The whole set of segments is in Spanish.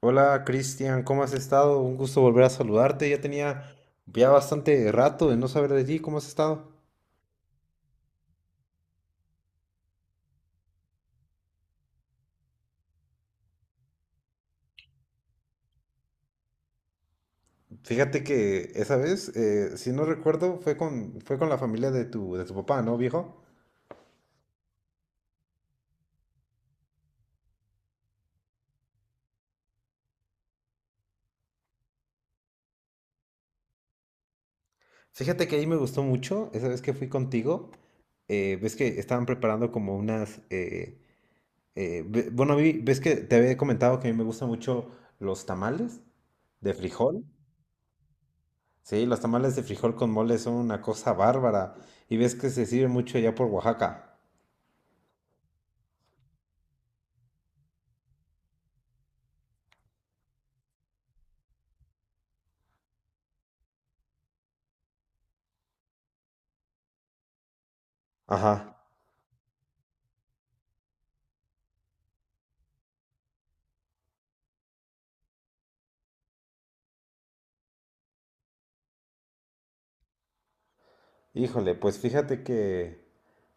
Hola Cristian, ¿cómo has estado? Un gusto volver a saludarte. Ya tenía ya bastante rato de no saber de ti. ¿Cómo has estado? Fíjate que esa vez, si no recuerdo, fue con la familia de tu papá, ¿no, viejo? Fíjate que ahí me gustó mucho esa vez que fui contigo. Ves que estaban preparando como unas... bueno, ves que te había comentado que a mí me gustan mucho los tamales de frijol. Sí, los tamales de frijol con mole son una cosa bárbara. Y ves que se sirve mucho allá por Oaxaca. Ajá. Híjole, pues fíjate que...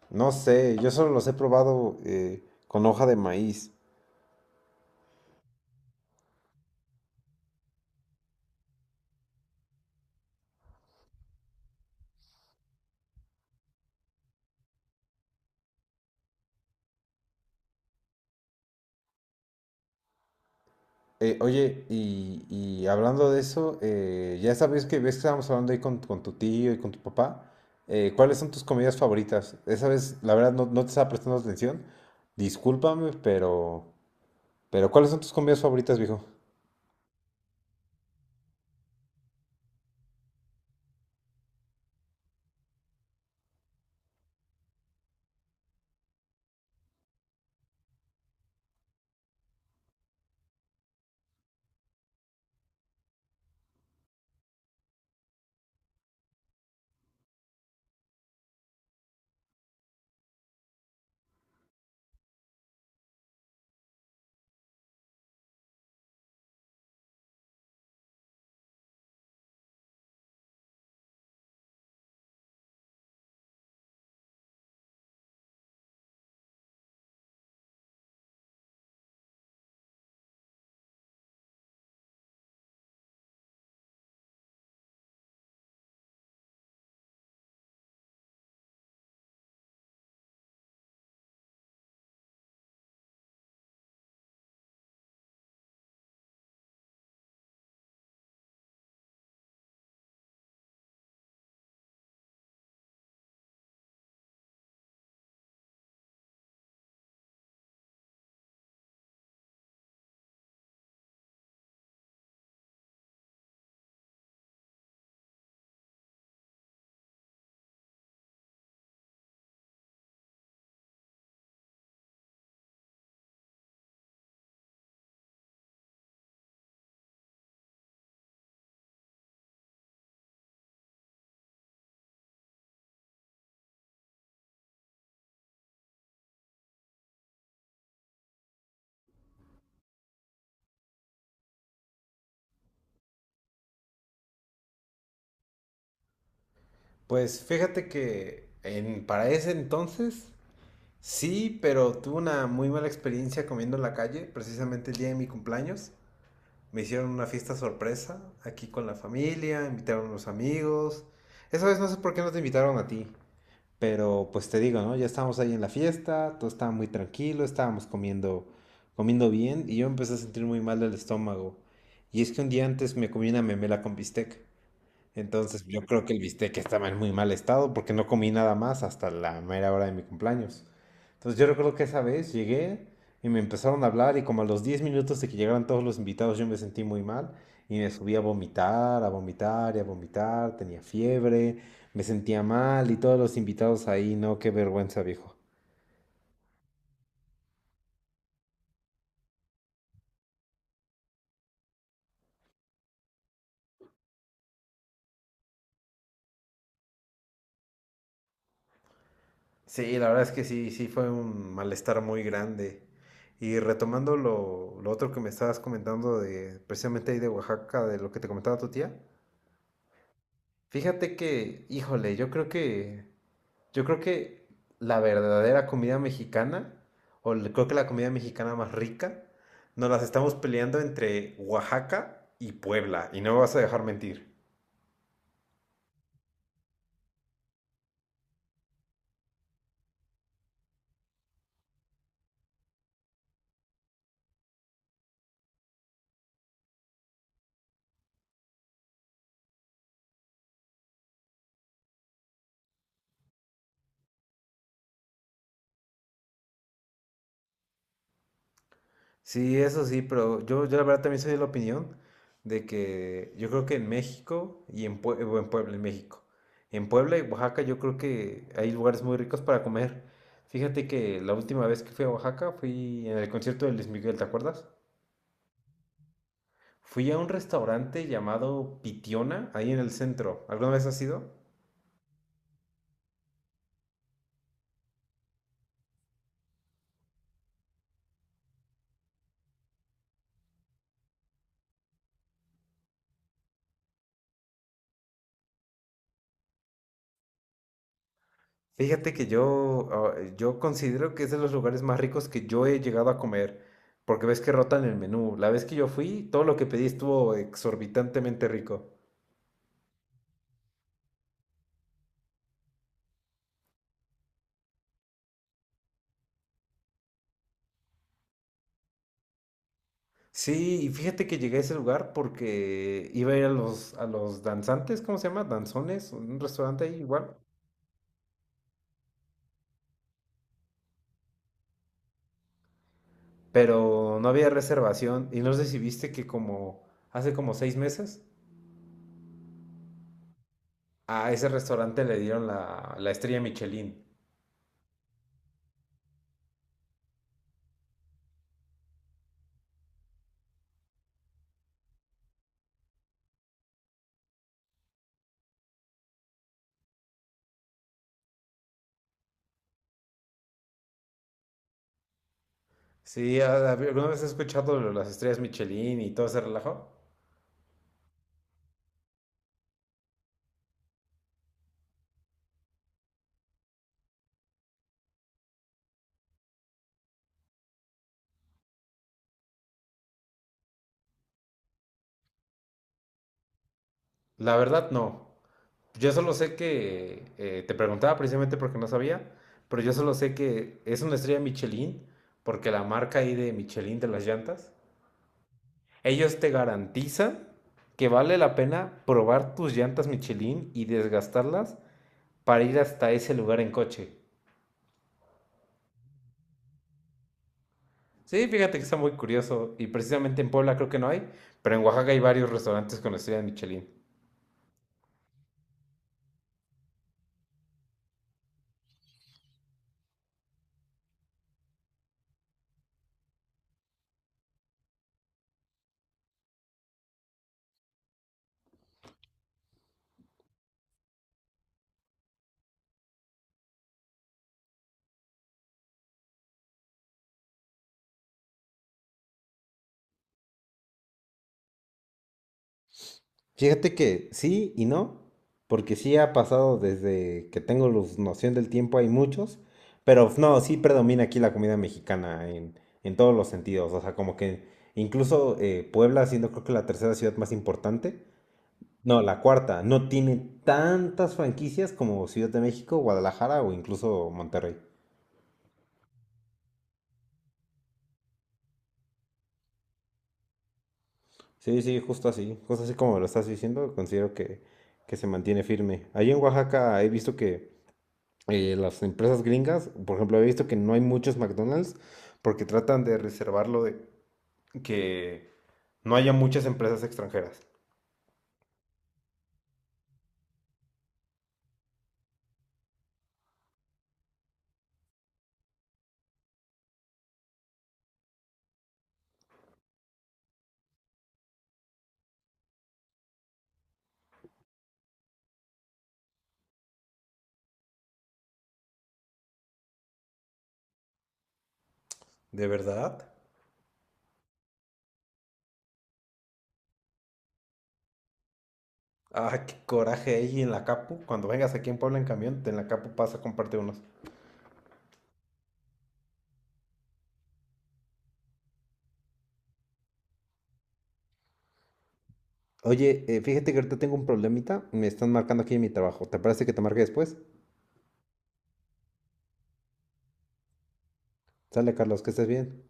No sé, yo solo los he probado con hoja de maíz. Oye, y hablando de eso, ya sabes que ves que estábamos hablando ahí con tu tío y con tu papá. ¿Cuáles son tus comidas favoritas? Esa vez, la verdad, no te estaba prestando atención. Discúlpame, pero... Pero ¿cuáles son tus comidas favoritas, viejo? Pues fíjate que en, para ese entonces sí, pero tuve una muy mala experiencia comiendo en la calle, precisamente el día de mi cumpleaños. Me hicieron una fiesta sorpresa aquí con la familia, invitaron a los amigos. Esa vez no sé por qué no te invitaron a ti, pero pues te digo, ¿no? Ya estábamos ahí en la fiesta, todo estaba muy tranquilo, estábamos comiendo bien y yo empecé a sentir muy mal del estómago. Y es que un día antes me comí una memela con bistec. Entonces yo creo que el bistec estaba en muy mal estado porque no comí nada más hasta la mera hora de mi cumpleaños. Entonces yo recuerdo que esa vez llegué y me empezaron a hablar y como a los 10 minutos de que llegaran todos los invitados yo me sentí muy mal y me subí a vomitar y a vomitar, tenía fiebre, me sentía mal y todos los invitados ahí, no, qué vergüenza, viejo. Sí, la verdad es que sí, sí fue un malestar muy grande. Y retomando lo otro que me estabas comentando de precisamente ahí de Oaxaca, de lo que te comentaba tu tía, fíjate que, híjole, yo creo que la verdadera comida mexicana, creo que la comida mexicana más rica, nos las estamos peleando entre Oaxaca y Puebla, y no me vas a dejar mentir. Sí, eso sí, pero yo la verdad también soy de la opinión de que yo creo que en México o en Puebla, en México, en Puebla y Oaxaca yo creo que hay lugares muy ricos para comer. Fíjate que la última vez que fui a Oaxaca fui en el concierto de Luis Miguel, ¿te acuerdas? Fui a un restaurante llamado Pitiona, ahí en el centro. ¿Alguna vez has ido? Fíjate que yo, yo considero que es de los lugares más ricos que yo he llegado a comer, porque ves que rotan el menú. La vez que yo fui, todo lo que pedí estuvo exorbitantemente rico. Sí, y fíjate que llegué a ese lugar porque iba a ir a los danzantes, ¿cómo se llama? Danzones, un restaurante ahí igual. Pero no había reservación y no sé si viste que como hace como 6 meses. A ese restaurante le dieron la estrella Michelin. Sí, ¿alguna vez has escuchado lo de las estrellas Michelin y todo ese relajo? La verdad, no. Yo solo sé que, te preguntaba precisamente porque no sabía, pero yo solo sé que es una estrella Michelin porque la marca ahí de Michelin de las llantas, ellos te garantizan que vale la pena probar tus llantas Michelin y desgastarlas para ir hasta ese lugar en coche. Sí, fíjate que está muy curioso. Y precisamente en Puebla creo que no hay, pero en Oaxaca hay varios restaurantes con la estrella de Michelin. Fíjate que sí y no, porque sí ha pasado desde que tengo noción del tiempo, hay muchos, pero no, sí predomina aquí la comida mexicana en todos los sentidos, o sea, como que incluso Puebla, siendo creo que la tercera ciudad más importante, no, la cuarta, no tiene tantas franquicias como Ciudad de México, Guadalajara o incluso Monterrey. Sí, sí, justo así como lo estás diciendo, considero que se mantiene firme. Ahí en Oaxaca he visto que las empresas gringas, por ejemplo, he visto que no hay muchos McDonald's porque tratan de reservarlo de que no haya muchas empresas extranjeras. ¿De verdad? Ah, qué coraje ahí en la Capu. Cuando vengas aquí en Puebla en camión, en la Capu pasa a comprarte unos. Oye, fíjate que ahorita tengo un problemita, me están marcando aquí en mi trabajo. ¿Te parece que te marque después? Sale, Carlos, que estés bien.